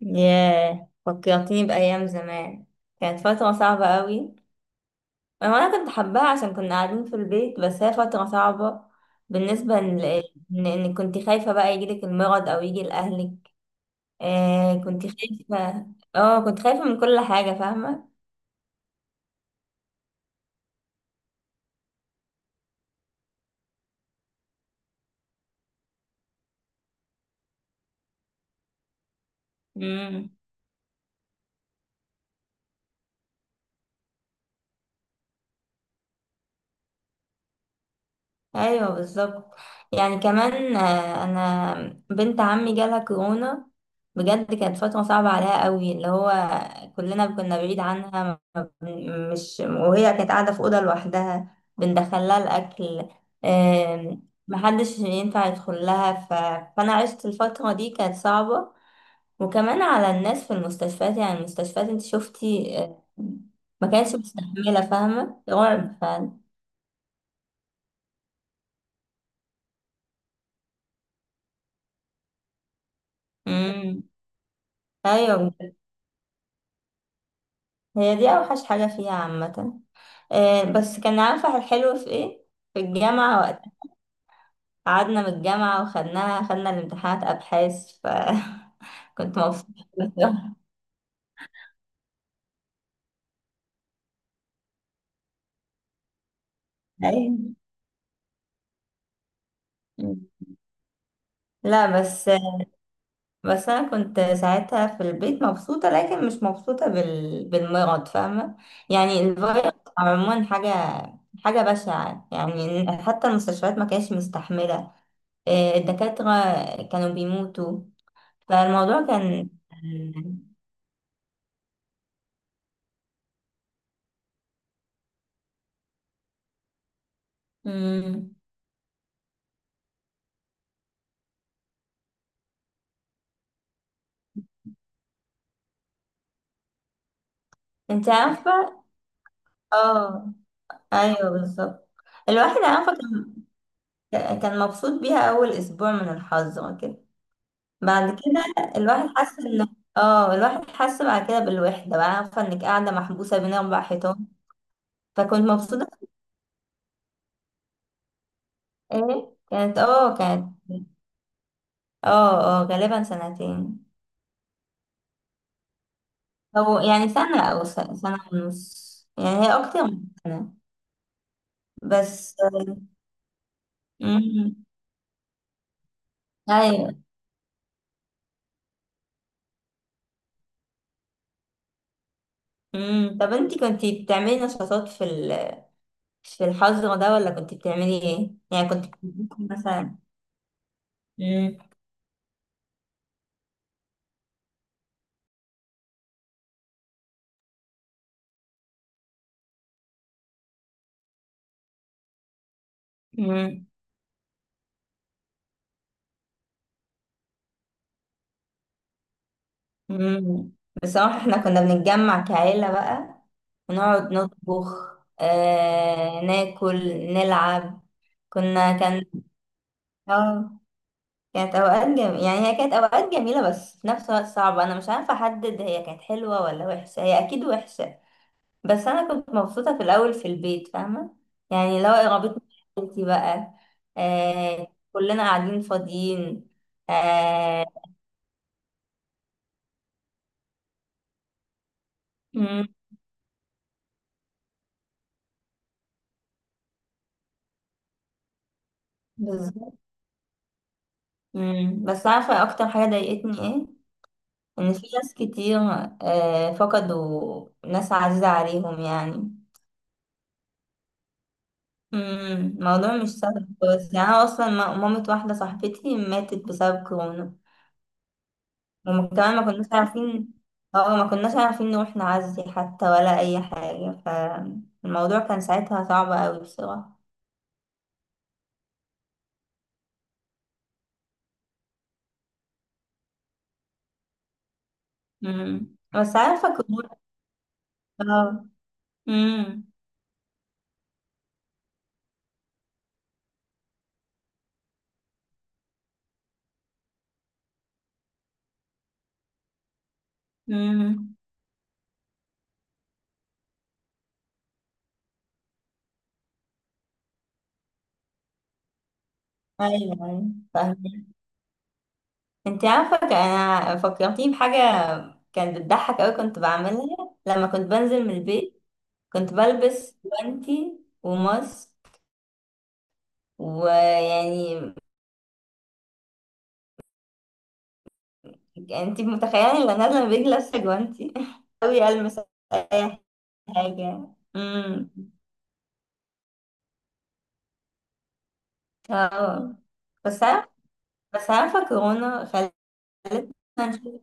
ياه فكرتيني بأيام زمان. كانت فترة صعبة قوي. أنا كنت حباها عشان كنا قاعدين في البيت، بس هي فترة صعبة بالنسبة ل- إنك كنت خايفة بقى يجيلك المرض أو يجي لأهلك. آه كنت خايفة. اه كنت خايفة من كل حاجة. فاهمة؟ ايوه بالظبط. يعني كمان انا بنت عمي جالها كورونا. بجد كانت فترة صعبة عليها قوي، اللي هو كلنا كنا بعيد عنها. ما بن- مش، وهي كانت قاعدة في أوضة لوحدها، بندخلها الأكل. محدش ينفع يدخل لها فأنا عشت الفترة دي، كانت صعبة. وكمان على الناس في المستشفيات، يعني المستشفيات انت شفتي، ما كانتش مستحملة. فاهمة، رعب فعلا. مم. ايوه، هي دي أوحش حاجة فيها عامة. بس كان عارفة الحلو في ايه؟ في الجامعة وقت قعدنا من الجامعة، وخدناها، خدنا الامتحانات أبحاث ف كنت مبسوطة. أيوة. لا بس، بس أنا كنت ساعتها في البيت مبسوطة، لكن مش مبسوطة بالمرض، فاهمة؟ يعني الفيروس عموما حاجة بشعة. يعني حتى المستشفيات ما كانتش مستحملة. الدكاترة كانوا بيموتوا، فالموضوع كان، امم، انت عارفة، اه، ايوه بالظبط. الواحد عارفة كان، كان مبسوط بيها اول اسبوع من الحظ كده. بعد كده الواحد حس ان، اه الواحد حس بعد كده بالوحدة، بقى عارفة انك قاعدة محبوسة بين اربع حيطان، فكنت مبسوطة. ايه، كانت، كانت اه غالبا سنتين. او يعني سنة او سنة ونص. يعني هي اكتر من سنة بس. امم. ايوه. امم. طب انتي كنتي بتعملي نشاطات في الحظر ده، ولا كنتي بتعملي ايه؟ يعني كنت بتدرسي مثلا؟ امم. امم. امم. بصراحة احنا كنا بنتجمع كعيلة بقى، ونقعد نطبخ، ناكل، نلعب، كنا كان، اه كانت اوقات جميلة. يعني هي كانت اوقات جميلة، بس في نفس الوقت صعبة. انا مش عارفة احدد هي كانت حلوة ولا وحشة. هي اكيد وحشة، بس انا كنت مبسوطه في الاول في البيت، فاهمه؟ يعني لو قربتني عيلتي بقى، آه، كلنا قاعدين فاضيين، آه. مم، بالظبط. مم. بس عارفه اكتر حاجه ضايقتني ايه؟ ان في ناس كتير آه فقدوا ناس عزيزه عليهم يعني. مم، الموضوع مش سهل. بس يعني انا اصلا، مامة واحده صاحبتي ماتت بسبب كورونا. وما كمان ما كناش عارفين. اه ما كناش عارفين نروح نعزي، حتى ولا أي حاجة. فالموضوع كان ساعتها صعب أوي بصراحة. مم. بس عارفة كنت، اه. مم. مم. أيوه أيوه. فاهمة. انت عارفة، أنا فكرتيني بحاجة كانت بتضحك أوي، كنت بعملها لما كنت بنزل من البيت. كنت بلبس جوانتي وماسك، ويعني، انت متخيلة إن انا نازلة من البيت لابسة جوانتي أوي ألمس حاجة. امم. اه. بس عارف، بس عارفة كورونا خلتنا نشوف،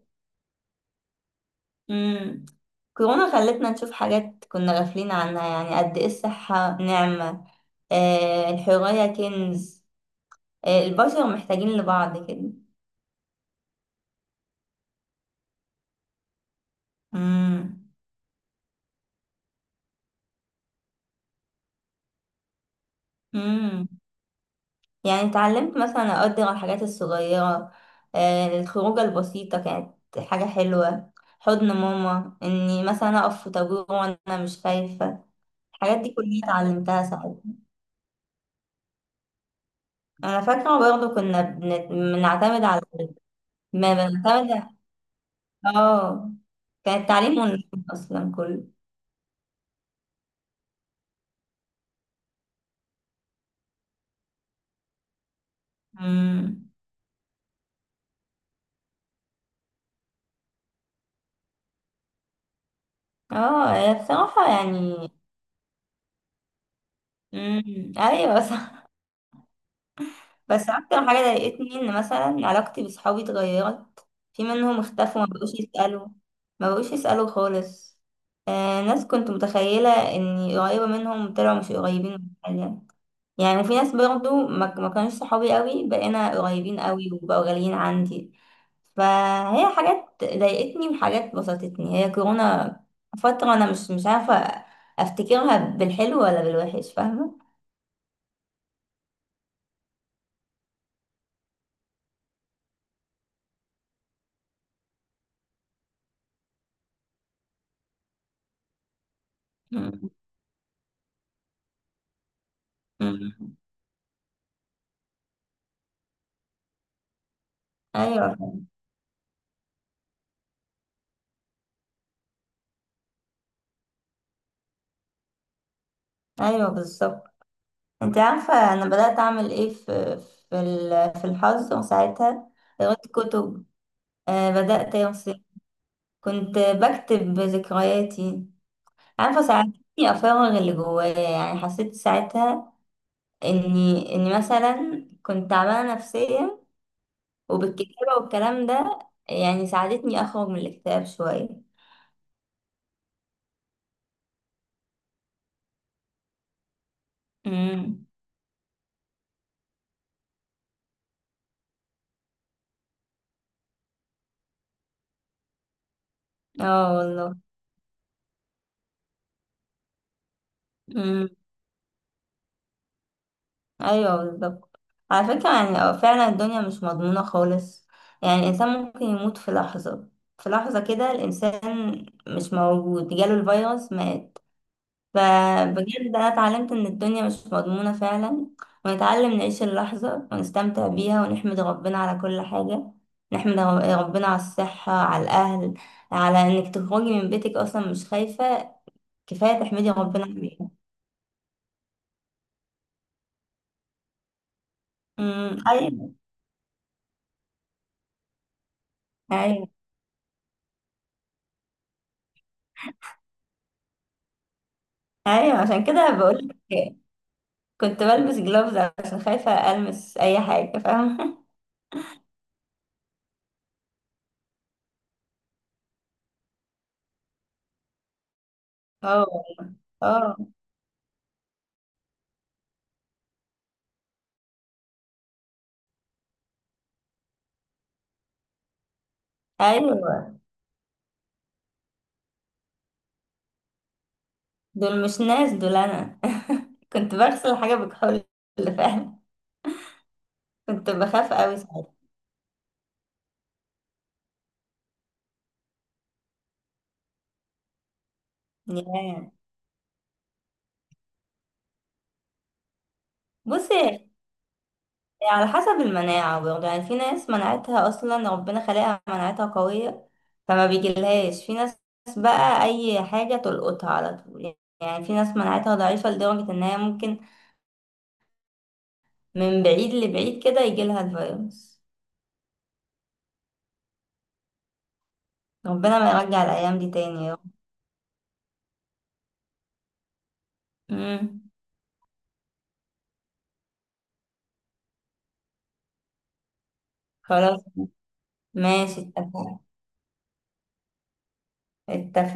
امم، كورونا خلتنا نشوف حاجات كنا غافلين عنها. يعني قد ايه الصحة نعمة، آه الحرية كنز، آه البشر محتاجين لبعض كده. امم. امم. يعني اتعلمت مثلا اقدر الحاجات الصغيرة. آه الخروجة البسيطة كانت حاجة حلوة. حضن ماما، اني مثلا اقف في طابور وانا مش خايفة، الحاجات دي كلها اتعلمتها ساعتها. انا فاكره برضه كنا بنعتمد على، ما بنعتمد، اه كان التعليم اونلاين اصلا كله. امم. اه هي بصراحه يعني، امم، ايوه صح. بس اكتر حاجه ضايقتني ان مثلا علاقتي بصحابي اتغيرت. في منهم اختفوا، ما بقوش يسالوا، ما بقوش يسالوا خالص. آه ناس كنت متخيله اني قريبه منهم طلعوا مش قريبين من حاجه. يعني في ناس برضو ما كانوش صحابي قوي، بقينا قريبين قوي وبقوا غاليين عندي. فهي حاجات ضايقتني وحاجات بسطتني، هي كورونا فترة أنا مش عارفة أفتكرها بالحلو ولا بالوحش، فاهمة؟ مم. مم. أيوه أيوه بالظبط. أنت عارفة أنا بدأت أعمل إيه في في الحظ ساعتها؟ قريت كتب، بدأت أرسم، كنت بكتب ذكرياتي. عارفة، ساعدتني أفرغ اللي جوايا. يعني حسيت ساعتها إني مثلا كنت تعبانة نفسيا، وبالكتابة والكلام ده يعني ساعدتني أخرج من الاكتئاب شوية. امم. اه والله. امم. أيوه بالظبط. على فكرة يعني، فعلا الدنيا مش مضمونة خالص. يعني الإنسان ممكن يموت في لحظة، في لحظة كده الإنسان مش موجود، جاله الفيروس مات. فبجد أنا اتعلمت إن الدنيا مش مضمونة فعلا، ونتعلم نعيش اللحظة ونستمتع بيها ونحمد ربنا على كل حاجة. نحمد ربنا على الصحة، على الأهل، على إنك تخرجي من بيتك أصلا مش خايفة، كفاية تحمدي ربنا عليها. أيوة أيوة. أيوة عشان كده بقولك كنت بلبس جلوفز عشان خايفة ألمس أي حاجة، فاهمة؟ اه والله. اه. أيوة. دول مش ناس، دول أنا. كنت بغسل حاجة بكحول فعلا. كنت بخاف قوي ساعتها. ياه. بصي، على حسب المناعة برضه. يعني في ناس مناعتها أصلا ربنا خلقها مناعتها قوية فما بيجيلهاش. في ناس بقى أي حاجة تلقطها على طول. يعني في ناس مناعتها ضعيفة لدرجة إن هي ممكن من بعيد لبعيد كده يجيلها الفيروس. ربنا ما يرجع الأيام دي تاني يا رب. مم. خلاص، ماشي اتفقنا. اتفقنا.